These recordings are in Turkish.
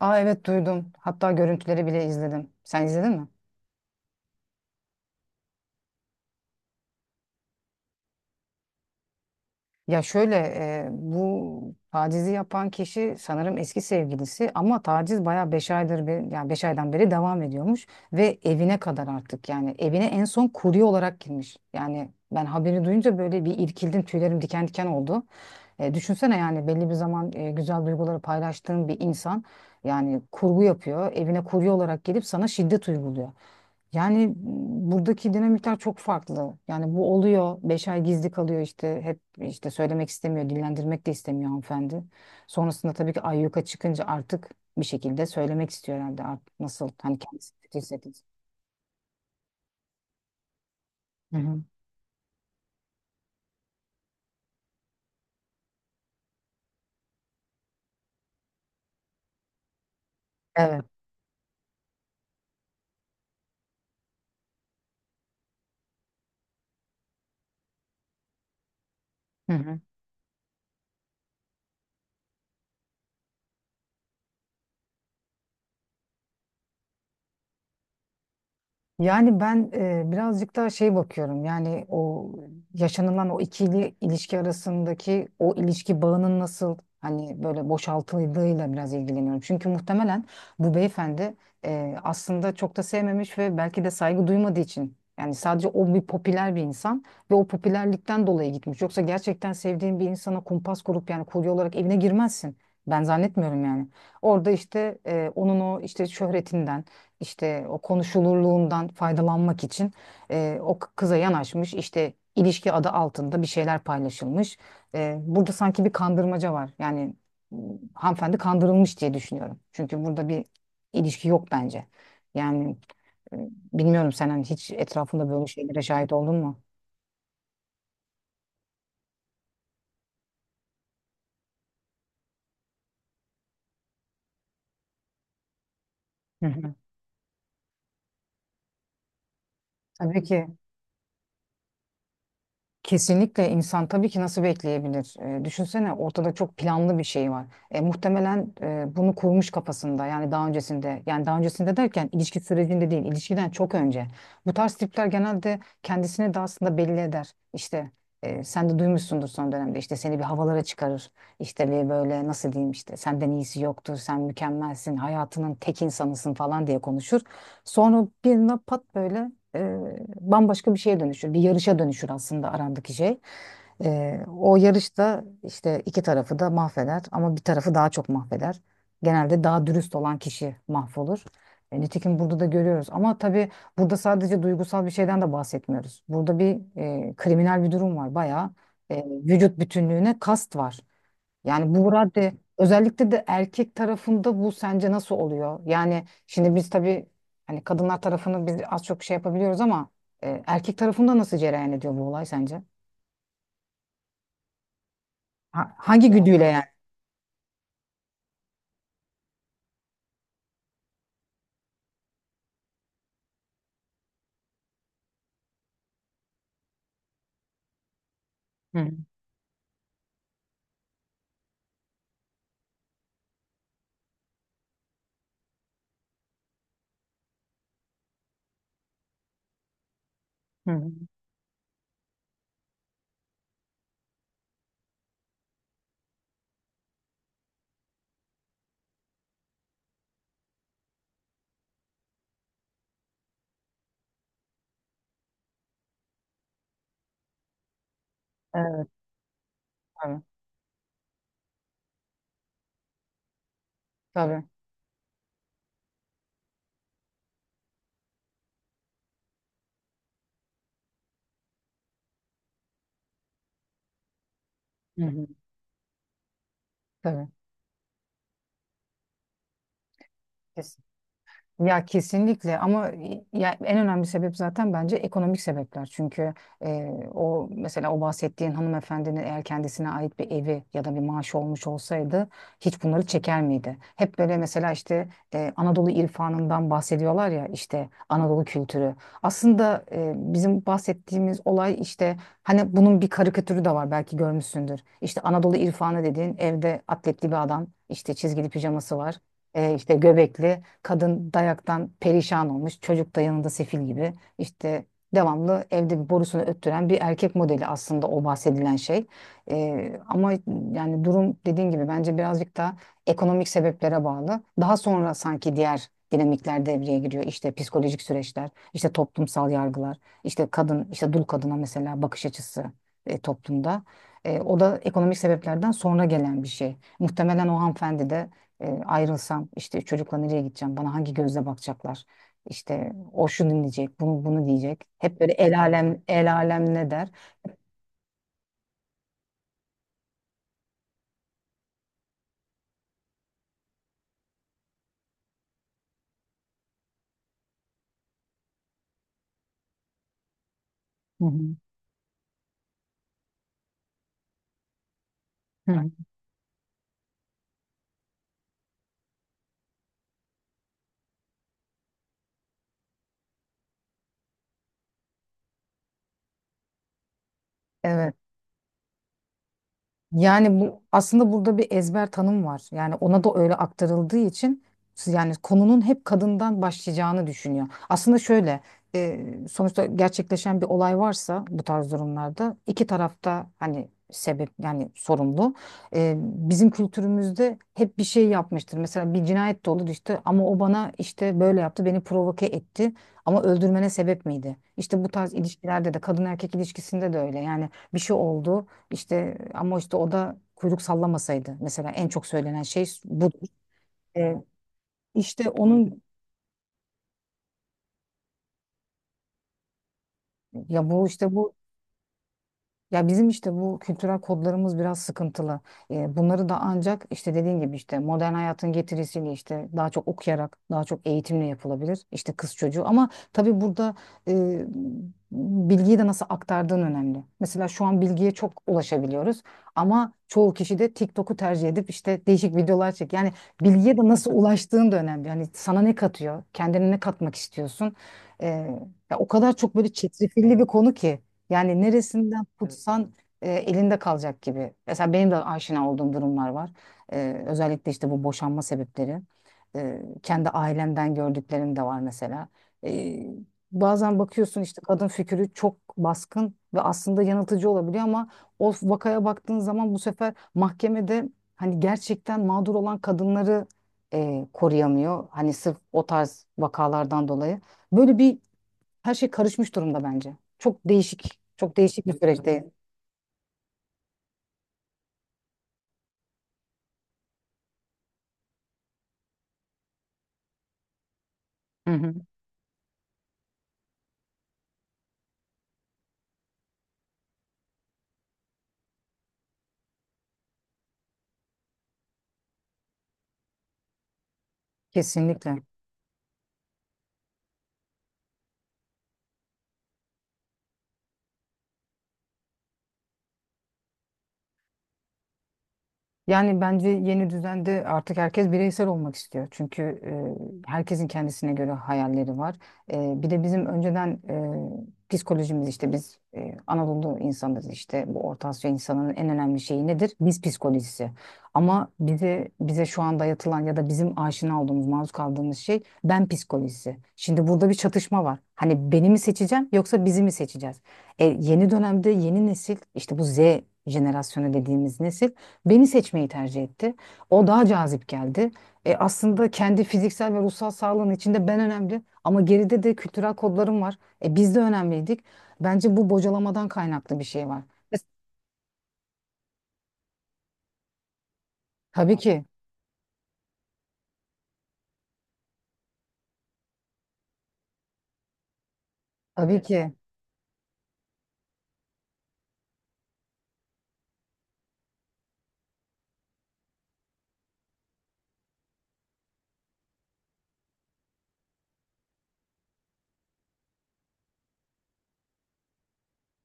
Aa evet duydum. Hatta görüntüleri bile izledim. Sen izledin mi? Ya şöyle, bu tacizi yapan kişi sanırım eski sevgilisi ama taciz bayağı 5 aydır yani 5 aydan beri devam ediyormuş ve evine kadar artık yani evine en son kurye olarak girmiş. Yani ben haberi duyunca böyle bir irkildim, tüylerim diken diken oldu. Düşünsene yani belli bir zaman güzel duyguları paylaştığın bir insan yani kurgu yapıyor, evine kurye olarak gelip sana şiddet uyguluyor. Yani buradaki dinamikler çok farklı. Yani bu oluyor. 5 ay gizli kalıyor işte. Hep işte söylemek istemiyor, dillendirmek de istemiyor hanımefendi. Sonrasında tabii ki ayyuka çıkınca artık bir şekilde söylemek istiyor herhalde. Artık nasıl, hani kendisi kötü hissedince. Hı hı. Evet. Hı hı. Yani ben birazcık daha şey bakıyorum. Yani o yaşanılan o ikili ilişki arasındaki o ilişki bağının nasıl hani böyle boşaltıldığıyla biraz ilgileniyorum. Çünkü muhtemelen bu beyefendi aslında çok da sevmemiş ve belki de saygı duymadığı için yani sadece o bir popüler bir insan ve o popülerlikten dolayı gitmiş. Yoksa gerçekten sevdiğin bir insana kumpas kurup yani kurye olarak evine girmezsin. Ben zannetmiyorum yani. Orada işte onun o işte şöhretinden işte o konuşulurluğundan faydalanmak için o kıza yanaşmış, işte ilişki adı altında bir şeyler paylaşılmış. Burada sanki bir kandırmaca var. Yani m, hanımefendi kandırılmış diye düşünüyorum. Çünkü burada bir ilişki yok bence. Yani e, bilmiyorum, sen hani hiç etrafında böyle şeylere şahit oldun mu? Hı hı. Tabii ki. Kesinlikle insan tabii ki nasıl bekleyebilir? Düşünsene ortada çok planlı bir şey var. Muhtemelen bunu kurmuş kafasında yani daha öncesinde. Yani daha öncesinde derken ilişki sürecinde değil, ilişkiden çok önce. Bu tarz tipler genelde kendisini de aslında belli eder. İşte sen de duymuşsundur, son dönemde işte seni bir havalara çıkarır. İşte bir böyle nasıl diyeyim, işte senden iyisi yoktur, sen mükemmelsin, hayatının tek insanısın falan diye konuşur. Sonra bir anda pat böyle bambaşka bir şeye dönüşür. Bir yarışa dönüşür aslında arandaki şey. O yarışta işte iki tarafı da mahveder ama bir tarafı daha çok mahveder. Genelde daha dürüst olan kişi mahvolur. Nitekim burada da görüyoruz. Ama tabii burada sadece duygusal bir şeyden de bahsetmiyoruz. Burada bir kriminal bir durum var. Bayağı vücut bütünlüğüne kast var. Yani bu radde özellikle de erkek tarafında bu sence nasıl oluyor? Yani şimdi biz tabii hani kadınlar tarafını biz az çok şey yapabiliyoruz ama erkek tarafında nasıl cereyan ediyor bu olay sence? Hangi güdüyle yani? Hı hı. Hı hı. Evet, tabii, tabii. Hı hı. Tabii. Ya kesinlikle ama ya en önemli sebep zaten bence ekonomik sebepler. Çünkü o mesela o bahsettiğin hanımefendinin eğer kendisine ait bir evi ya da bir maaşı olmuş olsaydı hiç bunları çeker miydi? Hep böyle mesela işte Anadolu irfanından bahsediyorlar ya, işte Anadolu kültürü. Aslında bizim bahsettiğimiz olay işte, hani bunun bir karikatürü de var, belki görmüşsündür. İşte Anadolu irfanı dediğin evde atletli bir adam, işte çizgili pijaması var. E, işte göbekli. Kadın dayaktan perişan olmuş. Çocuk da yanında sefil gibi. İşte devamlı evde bir borusunu öttüren bir erkek modeli aslında o bahsedilen şey. Ama yani durum dediğin gibi bence birazcık da ekonomik sebeplere bağlı. Daha sonra sanki diğer dinamikler devreye giriyor. İşte psikolojik süreçler, işte toplumsal yargılar, işte kadın, işte dul kadına mesela bakış açısı toplumda. O da ekonomik sebeplerden sonra gelen bir şey. Muhtemelen o hanımefendi de ayrılsam işte çocukla nereye gideceğim? Bana hangi gözle bakacaklar? İşte o şunu diyecek, bunu bunu diyecek. Hep böyle el alem el alem ne der? Hı. Hı hı. Evet. Yani bu aslında burada bir ezber tanım var. Yani ona da öyle aktarıldığı için yani konunun hep kadından başlayacağını düşünüyor. Aslında şöyle e, sonuçta gerçekleşen bir olay varsa bu tarz durumlarda iki tarafta hani sebep yani sorumlu. Bizim kültürümüzde hep bir şey yapmıştır. Mesela bir cinayet de olur işte ama o bana işte böyle yaptı, beni provoke etti ama öldürmene sebep miydi? İşte bu tarz ilişkilerde de, kadın erkek ilişkisinde de öyle yani bir şey oldu. İşte ama işte o da kuyruk sallamasaydı. Mesela en çok söylenen şey budur. E, işte onun ya bu işte bu Ya bizim işte bu kültürel kodlarımız biraz sıkıntılı. Bunları da ancak işte dediğin gibi işte modern hayatın getirisiyle işte daha çok okuyarak, daha çok eğitimle yapılabilir. İşte kız çocuğu ama tabii burada e, bilgiyi de nasıl aktardığın önemli. Mesela şu an bilgiye çok ulaşabiliyoruz ama çoğu kişi de TikTok'u tercih edip işte değişik videolar çek. Yani bilgiye de nasıl ulaştığın da önemli. Yani sana ne katıyor, kendine ne katmak istiyorsun? Ee, ya o kadar çok böyle çetrefilli bir konu ki. Yani neresinden, evet, tutsan elinde kalacak gibi. Mesela benim de aşina olduğum durumlar var. Özellikle işte bu boşanma sebepleri. Kendi ailemden gördüklerim de var mesela. E, bazen bakıyorsun işte kadın fikri çok baskın ve aslında yanıltıcı olabiliyor ama o vakaya baktığın zaman bu sefer mahkemede hani gerçekten mağdur olan kadınları koruyamıyor. Hani sırf o tarz vakalardan dolayı. Böyle bir her şey karışmış durumda bence. Çok değişik, çok değişik bir süreçte. Hı hı, kesinlikle. Yani bence yeni düzende artık herkes bireysel olmak istiyor. Çünkü herkesin kendisine göre hayalleri var. Bir de bizim önceden psikolojimiz işte biz Anadolu insanız, işte bu Orta Asya insanının en önemli şeyi nedir? Biz psikolojisi. Ama bize şu an dayatılan ya da bizim aşina olduğumuz, maruz kaldığımız şey ben psikolojisi. Şimdi burada bir çatışma var. Hani beni mi seçeceğim yoksa bizi mi seçeceğiz? Yeni dönemde yeni nesil işte bu Z jenerasyonu dediğimiz nesil beni seçmeyi tercih etti. O daha cazip geldi. Aslında kendi fiziksel ve ruhsal sağlığın içinde ben önemli ama geride de kültürel kodlarım var. Biz de önemliydik. Bence bu bocalamadan kaynaklı bir şey var. Mes- Tabii ki, tabii ki.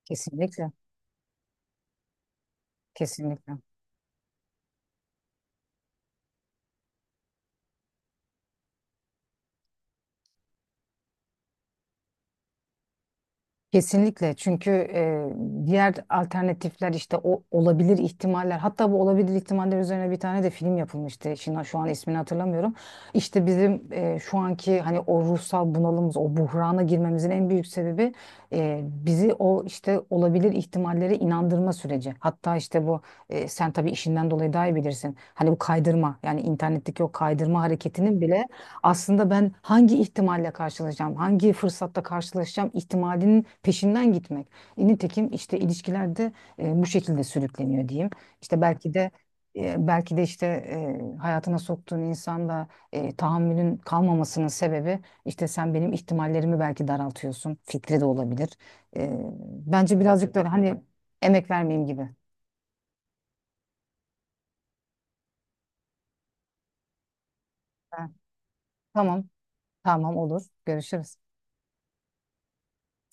Kesinlikle, kesinlikle. Kesinlikle çünkü diğer alternatifler işte o olabilir ihtimaller, hatta bu olabilir ihtimaller üzerine bir tane de film yapılmıştı. Şimdi şu an ismini hatırlamıyorum. İşte bizim şu anki hani o ruhsal bunalımız, o buhrana girmemizin en büyük sebebi bizi o işte olabilir ihtimallere inandırma süreci. Hatta işte bu sen tabii işinden dolayı daha iyi bilirsin. Hani bu kaydırma yani internetteki o kaydırma hareketinin bile aslında ben hangi ihtimalle karşılaşacağım, hangi fırsatta karşılaşacağım ihtimalinin peşinden gitmek. Nitekim işte ilişkilerde bu şekilde sürükleniyor diyeyim. İşte belki de belki de işte hayatına soktuğun insanda tahammülün kalmamasının sebebi işte sen benim ihtimallerimi belki daraltıyorsun. Fikri de olabilir. E, bence birazcık da hani emek vermeyeyim gibi. Ha, tamam, tamam olur. Görüşürüz.